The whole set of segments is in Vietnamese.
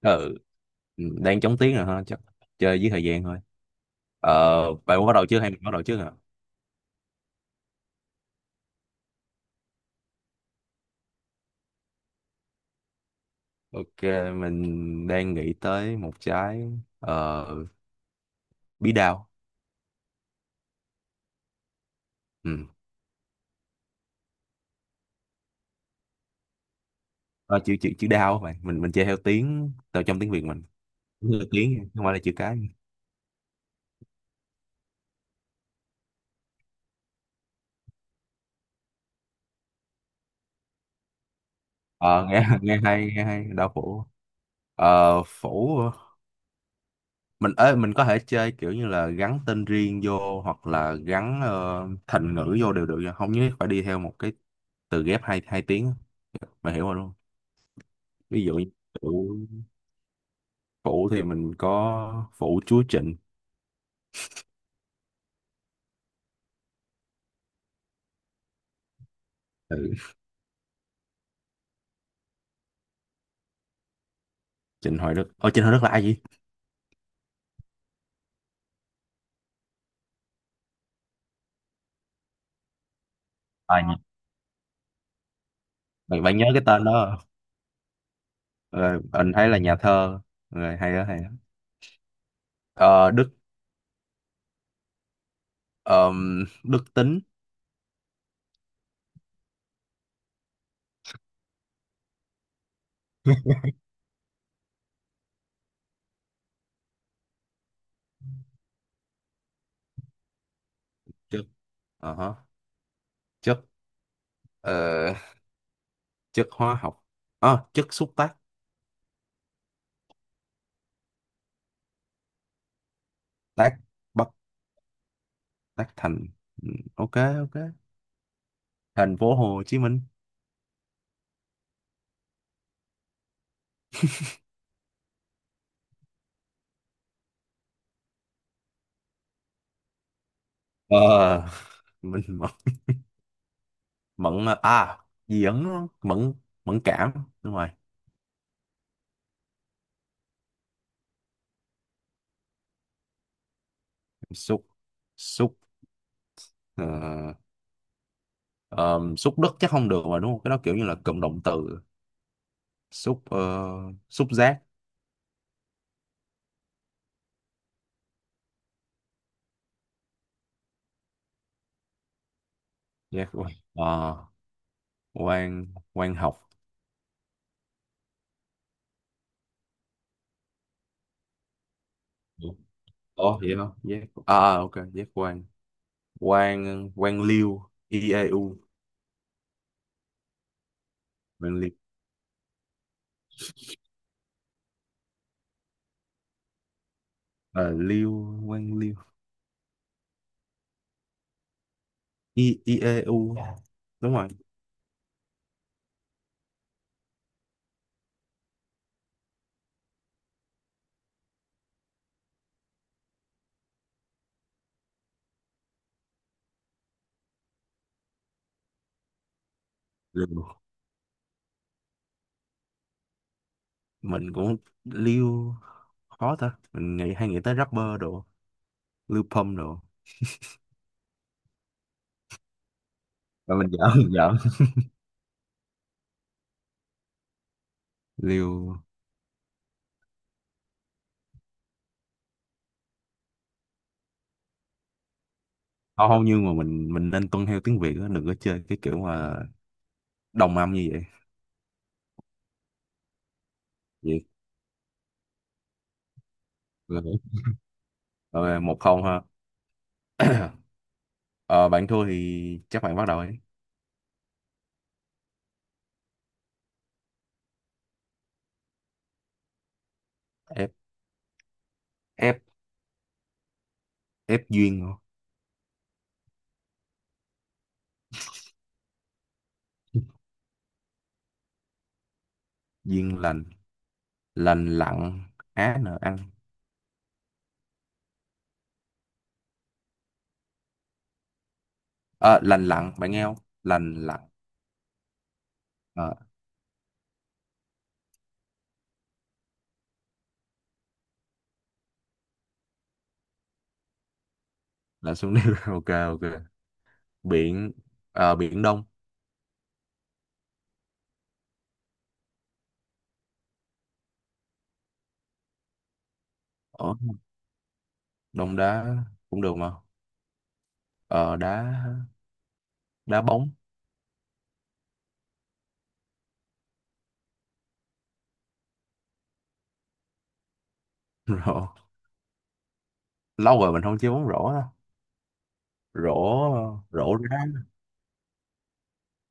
Ừ, ừ, đang chống tiếng rồi ha, chắc chơi với thời gian thôi. Bạn muốn bắt đầu trước hay mình bắt đầu trước hả? Ok, mình đang nghĩ tới một trái, ờ bí đao. Ừ, ờ, chữ chữ chữ đao á bạn, mình chơi theo tiếng, theo trong tiếng Việt mình. Đúng là tiếng chứ không phải là chữ cái. Ờ Nghe nghe hay, nghe hay đao phủ. Phủ hả? Mình ơi, mình có thể chơi kiểu như là gắn tên riêng vô hoặc là gắn thành ngữ vô đều được, không nhất thiết phải đi theo một cái từ ghép hai hai tiếng. Bà hiểu rồi đúng? Ví dụ như phụ, phụ thì mình có phụ chúa Trịnh. Ừ. Trịnh Hoài Đức. Ở, Trịnh Hoài Đức là ai vậy? À, nhỉ. Bạn nhớ cái tên đó không? Ờ, mình thấy là nhà thơ. Rồi, hay đó, hay đó. Ờ, Đức, Đức Tính. Chất. Ờ hả. Chất ờ, chất hóa học. Ờ, chất xúc tác. Tác. Bắc. Tác Thành. Ừ. Ok, ok. Thành phố Hồ Chí Minh. Ờ, mình mẫn, à, gì ẩn đúng không? Mẫn mẫn cảm, đúng rồi. Xúc xúc, ờ, xúc đất chắc không được mà đúng không, cái đó kiểu như là cụm động từ. Xúc ờ, xúc giác. Giác quan. Ờ, quan quan học. Ồ, vậy hả? Giác, à à, ok, giác quan, quan liêu, i e u, quan liêu. À, liêu, quan liêu, i i e u, đúng rồi. Liêu. Mình cũng liêu, khó ta, mình nghĩ, hay nghĩ tới rapper đồ, liêu pump đồ. Và mình giỡn, mình giỡn. Liêu, không không, nhưng mà mình nên tuân theo tiếng Việt á, đừng có chơi cái kiểu mà đồng âm như vậy. Vậy là- rồi, 1-0 ha. Ờ, bạn thua thì chắc bạn bắt đầu ấy. F f f duyên hả? Duyên lành, lành lặn á, nở ăn. Ờ, lành lặn bạn nghe không? Lành lặn. Ờ, là xuống nước. Ok, ok, biển, biển đông. Ủa, đông đá cũng được mà. Ờ, đá, đá bóng. Rồi, lâu rồi mình không chơi bóng rổ á. Rổ, rổ đá,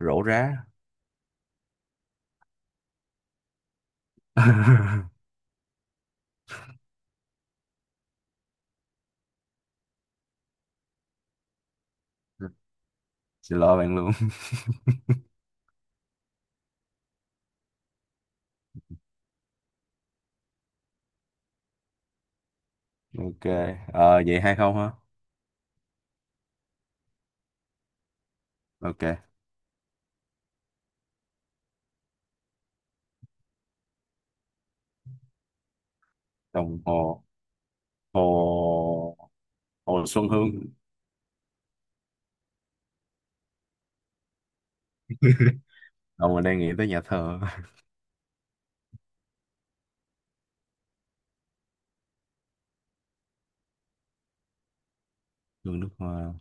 rổ rá. Xin lỗi bạn luôn. Ok. Ờ, vậy 2-0 hả? Ok. Đồng hồ. Hồ, hồ Xuân Hương. Đồng, mình đang nghĩ tới nhà thờ. Hương nước hoa.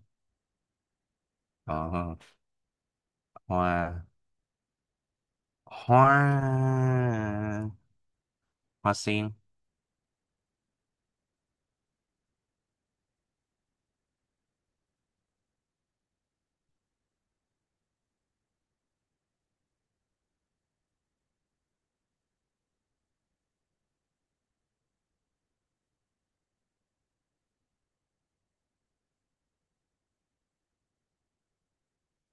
Ờ, hoa, hoa, hoa sen.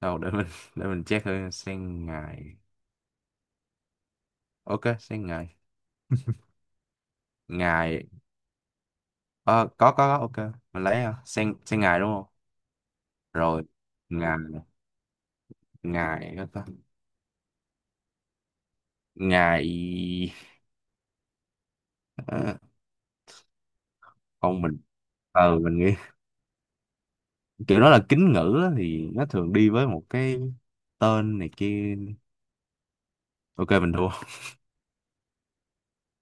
Đâu, để mình check thôi. Sen ngài. Ok, sen ngài. Ngài. Ờ, có, ok, mình lấy hả? Sen, sen ngài đúng không? Rồi, ngài, ngài có ta. Ngài, ờ, không, mình nghĩ kiểu đó là kính ngữ á, thì nó thường đi với một cái tên này kia. Ok, mình thua.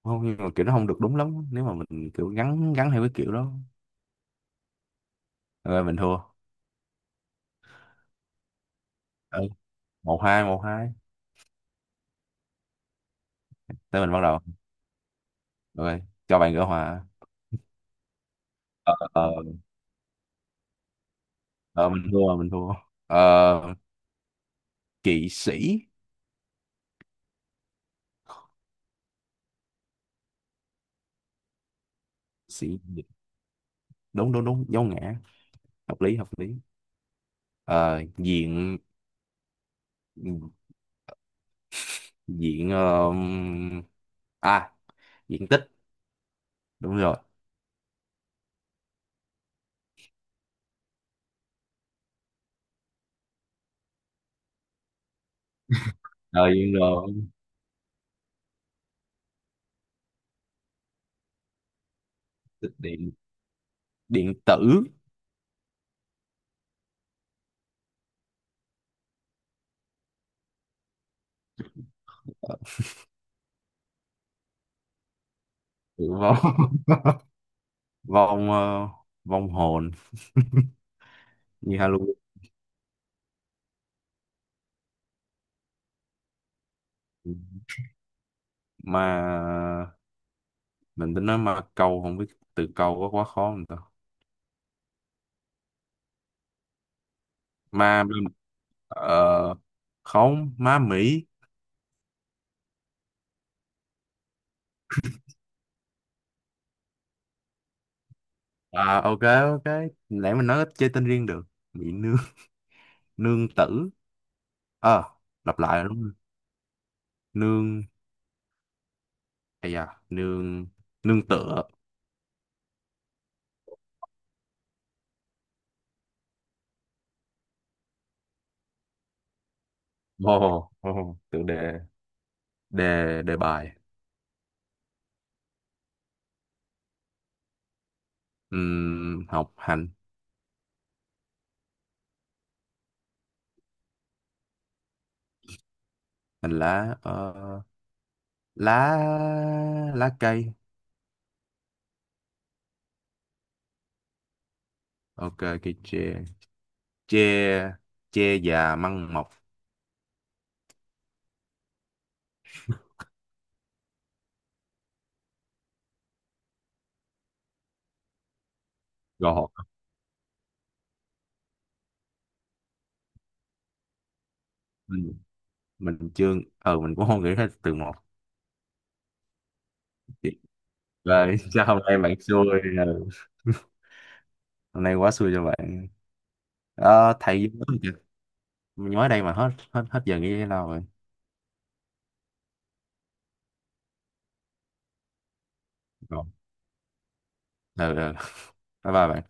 Không, nhưng mà kiểu nó không được đúng lắm nếu mà mình kiểu gắn gắn theo cái kiểu đó. Ok, mình thua. Ừ. 1-2, 1-2. Tới mình bắt đầu. Ok, cho bạn gỡ hòa. ờ, ờ, ờ, mình thua, mình thua. Ờ, kỵ sĩ. Sĩ, đúng đúng đúng, dấu ngã, hợp lý, hợp lý. Ờ, Diện, diện ờ, à, diện tích, đúng rồi. Ờ, Diện rồi, tích điện, điện tử. Ờ, vòng vòng ờ, vòng hồn, như Halloween mà. Mình tính nói ma câu, không biết từ câu có quá khó không ta. Ma ma- ờ, Không, ma Mỹ. À, ok, ok, lẽ mình nói ít chơi tên riêng được. Mỹ nương, nương tử. Ờ, lặp lại rồi đúng không? Nương, ây da, nương, nương tựa. Ồ, oh, tựa đề. Đề, đề bài. Học hành. Hành lá. Ờ, lá, lá cây. Ok, cây tre. Tre, tre già măng mọc. Gọt. Mình mình chưa, mình cũng không nghĩ hết từ một. Rồi. Sao hôm nay bạn xui? Ừ. Hôm nay quá xui cho bạn. Ờ, thầy nói đây mà, hết hết hết giờ nghĩ thế nào rồi. Rồi. Ừ, ừ. Bye bye bạn.